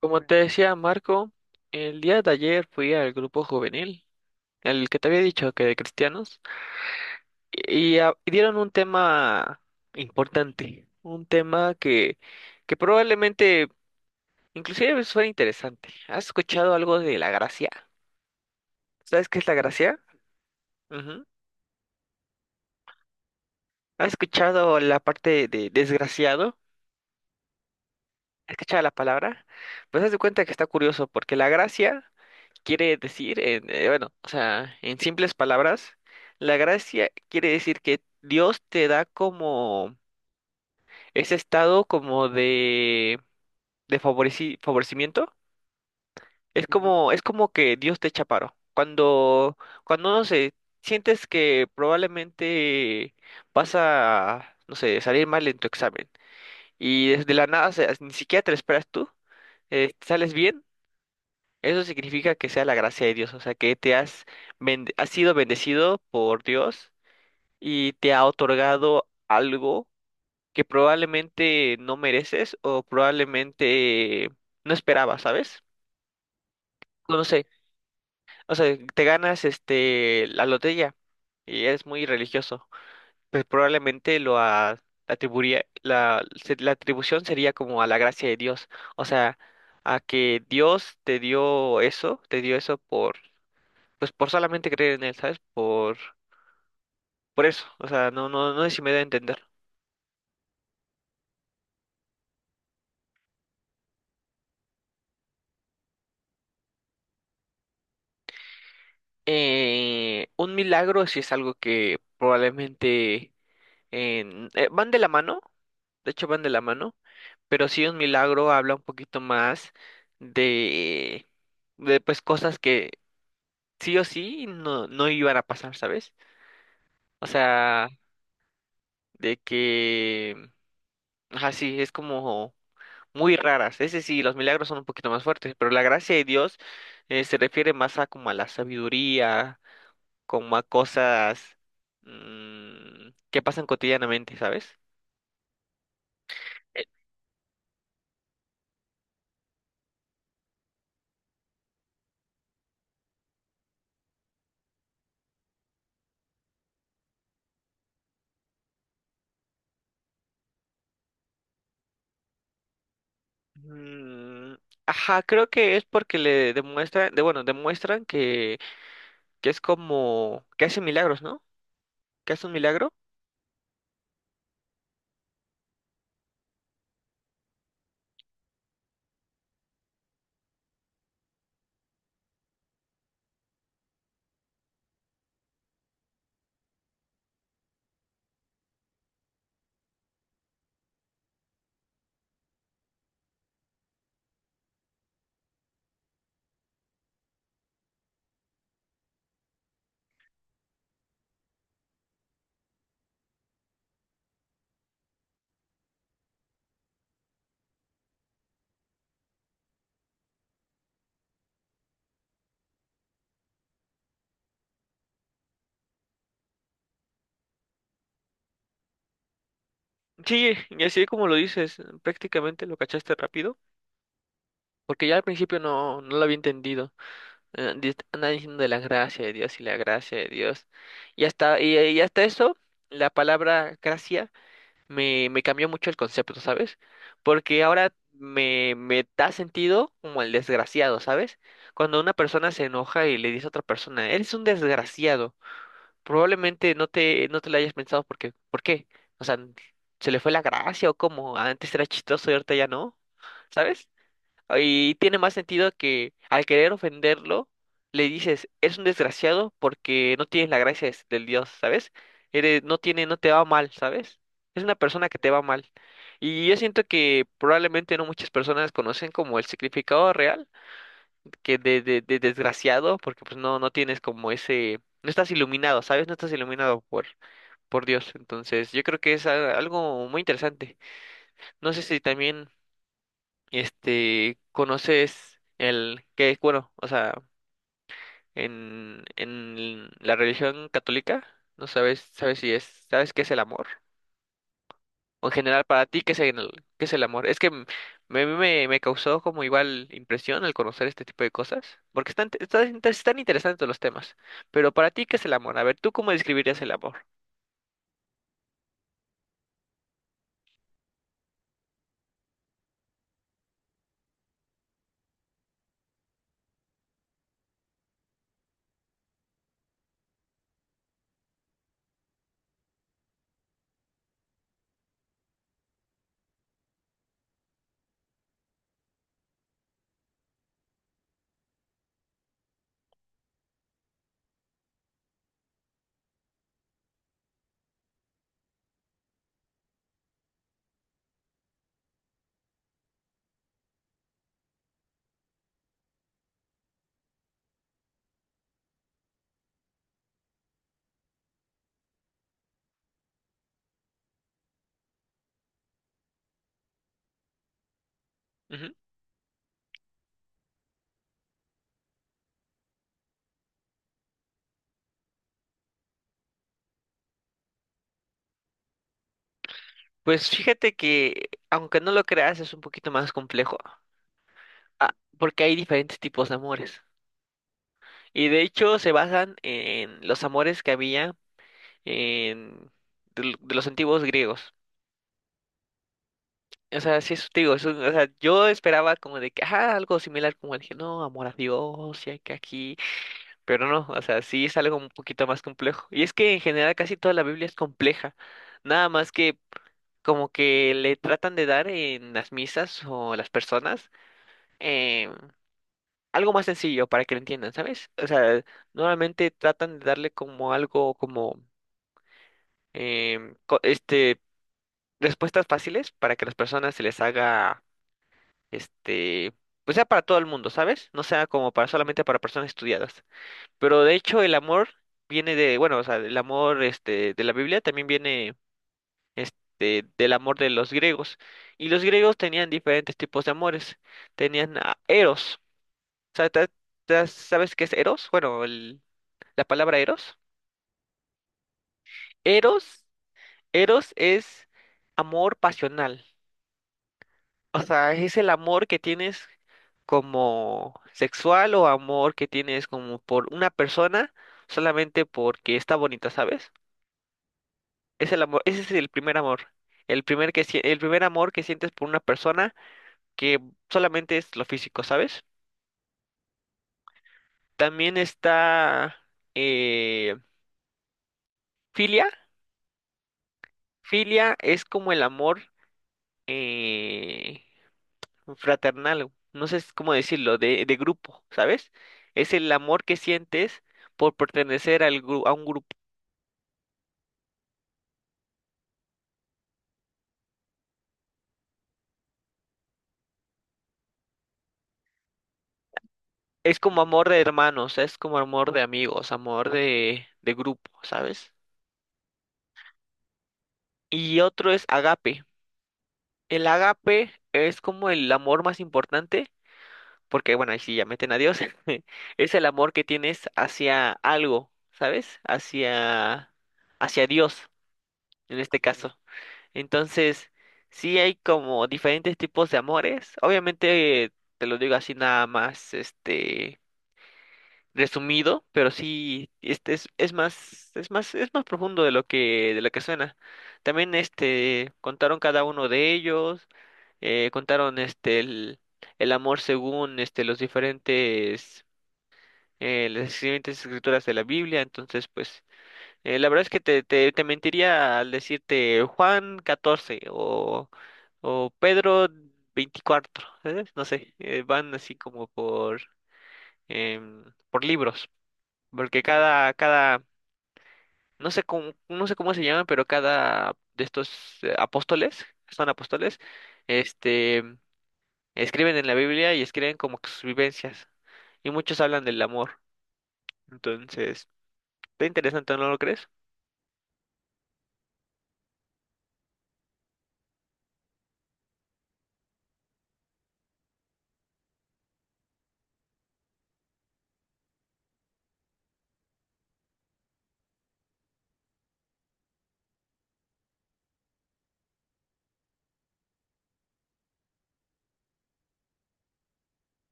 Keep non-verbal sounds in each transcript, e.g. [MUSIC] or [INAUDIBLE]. Como te decía Marco, el día de ayer fui al grupo juvenil, el que te había dicho que de cristianos, y dieron un tema importante, un tema que probablemente inclusive suena interesante. ¿Has escuchado algo de la gracia? ¿Sabes qué es la gracia? Ujú. ¿Has escuchado la parte de desgraciado? ¿Has escuchado la palabra? Pues haz de cuenta que está curioso, porque la gracia quiere decir, bueno, o sea, en simples palabras, la gracia quiere decir que Dios te da como ese estado como de, favorecimiento. Es, Ujú, como, es como que Dios te echa paro. Cuando no sé, sientes que probablemente vas a, no sé, salir mal en tu examen y desde la nada, o sea, ni siquiera te lo esperas tú, sales bien. Eso significa que sea la gracia de Dios, o sea, que te has, has sido bendecido por Dios y te ha otorgado algo que probablemente no mereces o probablemente no esperabas, ¿sabes? No lo sé, o sea, te ganas este la lotería y eres muy religioso, pues probablemente atribuiría, la atribución sería como a la gracia de Dios, o sea, a que Dios te dio eso pues por solamente creer en él, ¿sabes? Por eso, o sea, no sé si me da a entender. Un milagro sí es algo que probablemente van de la mano, de hecho van de la mano, pero sí un milagro habla un poquito más de, de pues cosas que sí o sí no iban a pasar, ¿sabes? O sea, de que, así es como muy raras. Ese sí, los milagros son un poquito más fuertes, pero la gracia de Dios se refiere más a como a la sabiduría, como a cosas que pasan cotidianamente, ¿sabes? Eh, mm, ajá, creo que es porque le demuestran, de, bueno, demuestran que es como que hace milagros, ¿no? Que hace un milagro. Sí, y así como lo dices, prácticamente lo cachaste rápido, porque ya al principio no lo había entendido. Andan diciendo de la gracia de Dios y la gracia de Dios. Y hasta eso, la palabra gracia me cambió mucho el concepto, ¿sabes? Porque ahora me da sentido como el desgraciado, ¿sabes? Cuando una persona se enoja y le dice a otra persona, eres un desgraciado, probablemente no te lo hayas pensado porque, ¿por qué? O sea, ¿se le fue la gracia o cómo? Antes era chistoso y ahorita ya no, ¿sabes? Y tiene más sentido que al querer ofenderlo, le dices, es un desgraciado porque no tienes la gracia del Dios, ¿sabes? Eres, no tiene, no te va mal, ¿sabes? Es una persona que te va mal. Y yo siento que probablemente no muchas personas conocen como el significado real, que de desgraciado, porque pues no tienes como ese, no estás iluminado, ¿sabes? No estás iluminado por Dios. Entonces, yo creo que es algo muy interesante. No sé si también este, ¿conoces el qué es bueno? O sea, en la religión católica, no sabes, sabes si es, sabes qué es el amor. O en general, para ti, qué es el amor? Es que me causó como igual impresión al conocer este tipo de cosas, porque están interesantes los temas. Pero para ti, ¿qué es el amor? A ver, ¿tú cómo describirías el amor? Ujú. Pues fíjate que, aunque no lo creas, es un poquito más complejo, porque hay diferentes tipos de amores. Y de hecho se basan en los amores que había en, de los antiguos griegos. O sea, sí, es te digo, o sea, yo esperaba como de que, algo similar como el que, no, amor a Dios, y hay que aquí, pero no, o sea, sí es algo un poquito más complejo. Y es que en general casi toda la Biblia es compleja, nada más que como que le tratan de dar en las misas o las personas em, algo más sencillo para que lo entiendan, ¿sabes? O sea, normalmente tratan de darle como algo como em, co- este, respuestas fáciles para que las personas se les haga, este, pues sea para todo el mundo, ¿sabes? No sea como para solamente para personas estudiadas. Pero de hecho el amor viene de, bueno, o sea, el amor, de la Biblia también viene, del amor de los griegos. Y los griegos tenían diferentes tipos de amores. Tenían a Eros. O sea, ¿sabes qué es Eros? Bueno, la palabra Eros. Eros, Eros es amor pasional. O sea, es el amor que tienes como sexual o amor que tienes como por una persona solamente porque está bonita, ¿sabes? Es el amor, ese es el primer amor. El primer amor que sientes por una persona que solamente es lo físico, ¿sabes? También está eh, filia. Filia es como el amor, eh, fraternal, no sé cómo decirlo, de grupo, ¿sabes? Es el amor que sientes por pertenecer a un grupo. Es como amor de hermanos, es como amor de amigos, amor de grupo, ¿sabes? Y otro es agape. El agape es como el amor más importante, porque bueno, ahí sí ya meten a Dios, [LAUGHS] es el amor que tienes hacia algo, ¿sabes? Hacia, hacia Dios, en este caso. Entonces, sí hay como diferentes tipos de amores. Obviamente, te lo digo así nada más, resumido, pero sí, este es, es más profundo de lo que suena. También, contaron cada uno de ellos, contaron, el amor según, los diferentes, las diferentes escrituras de la Biblia. Entonces, pues, la verdad es que te mentiría al decirte Juan 14 o Pedro 24, ¿sabes? No sé, van así como por, em, por libros, porque cada, cada, no sé cómo, no sé cómo se llaman, pero cada de estos apóstoles, son apóstoles, este, escriben en la Biblia y escriben como que sus vivencias, y muchos hablan del amor, entonces, está interesante, ¿no lo crees?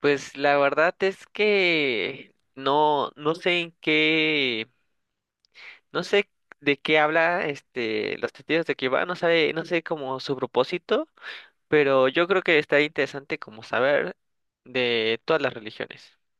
Pues la verdad es que no, no sé en qué, no sé de qué habla los testigos de Jehová, no sabe, no sé como su propósito, pero yo creo que está interesante como saber de todas las religiones.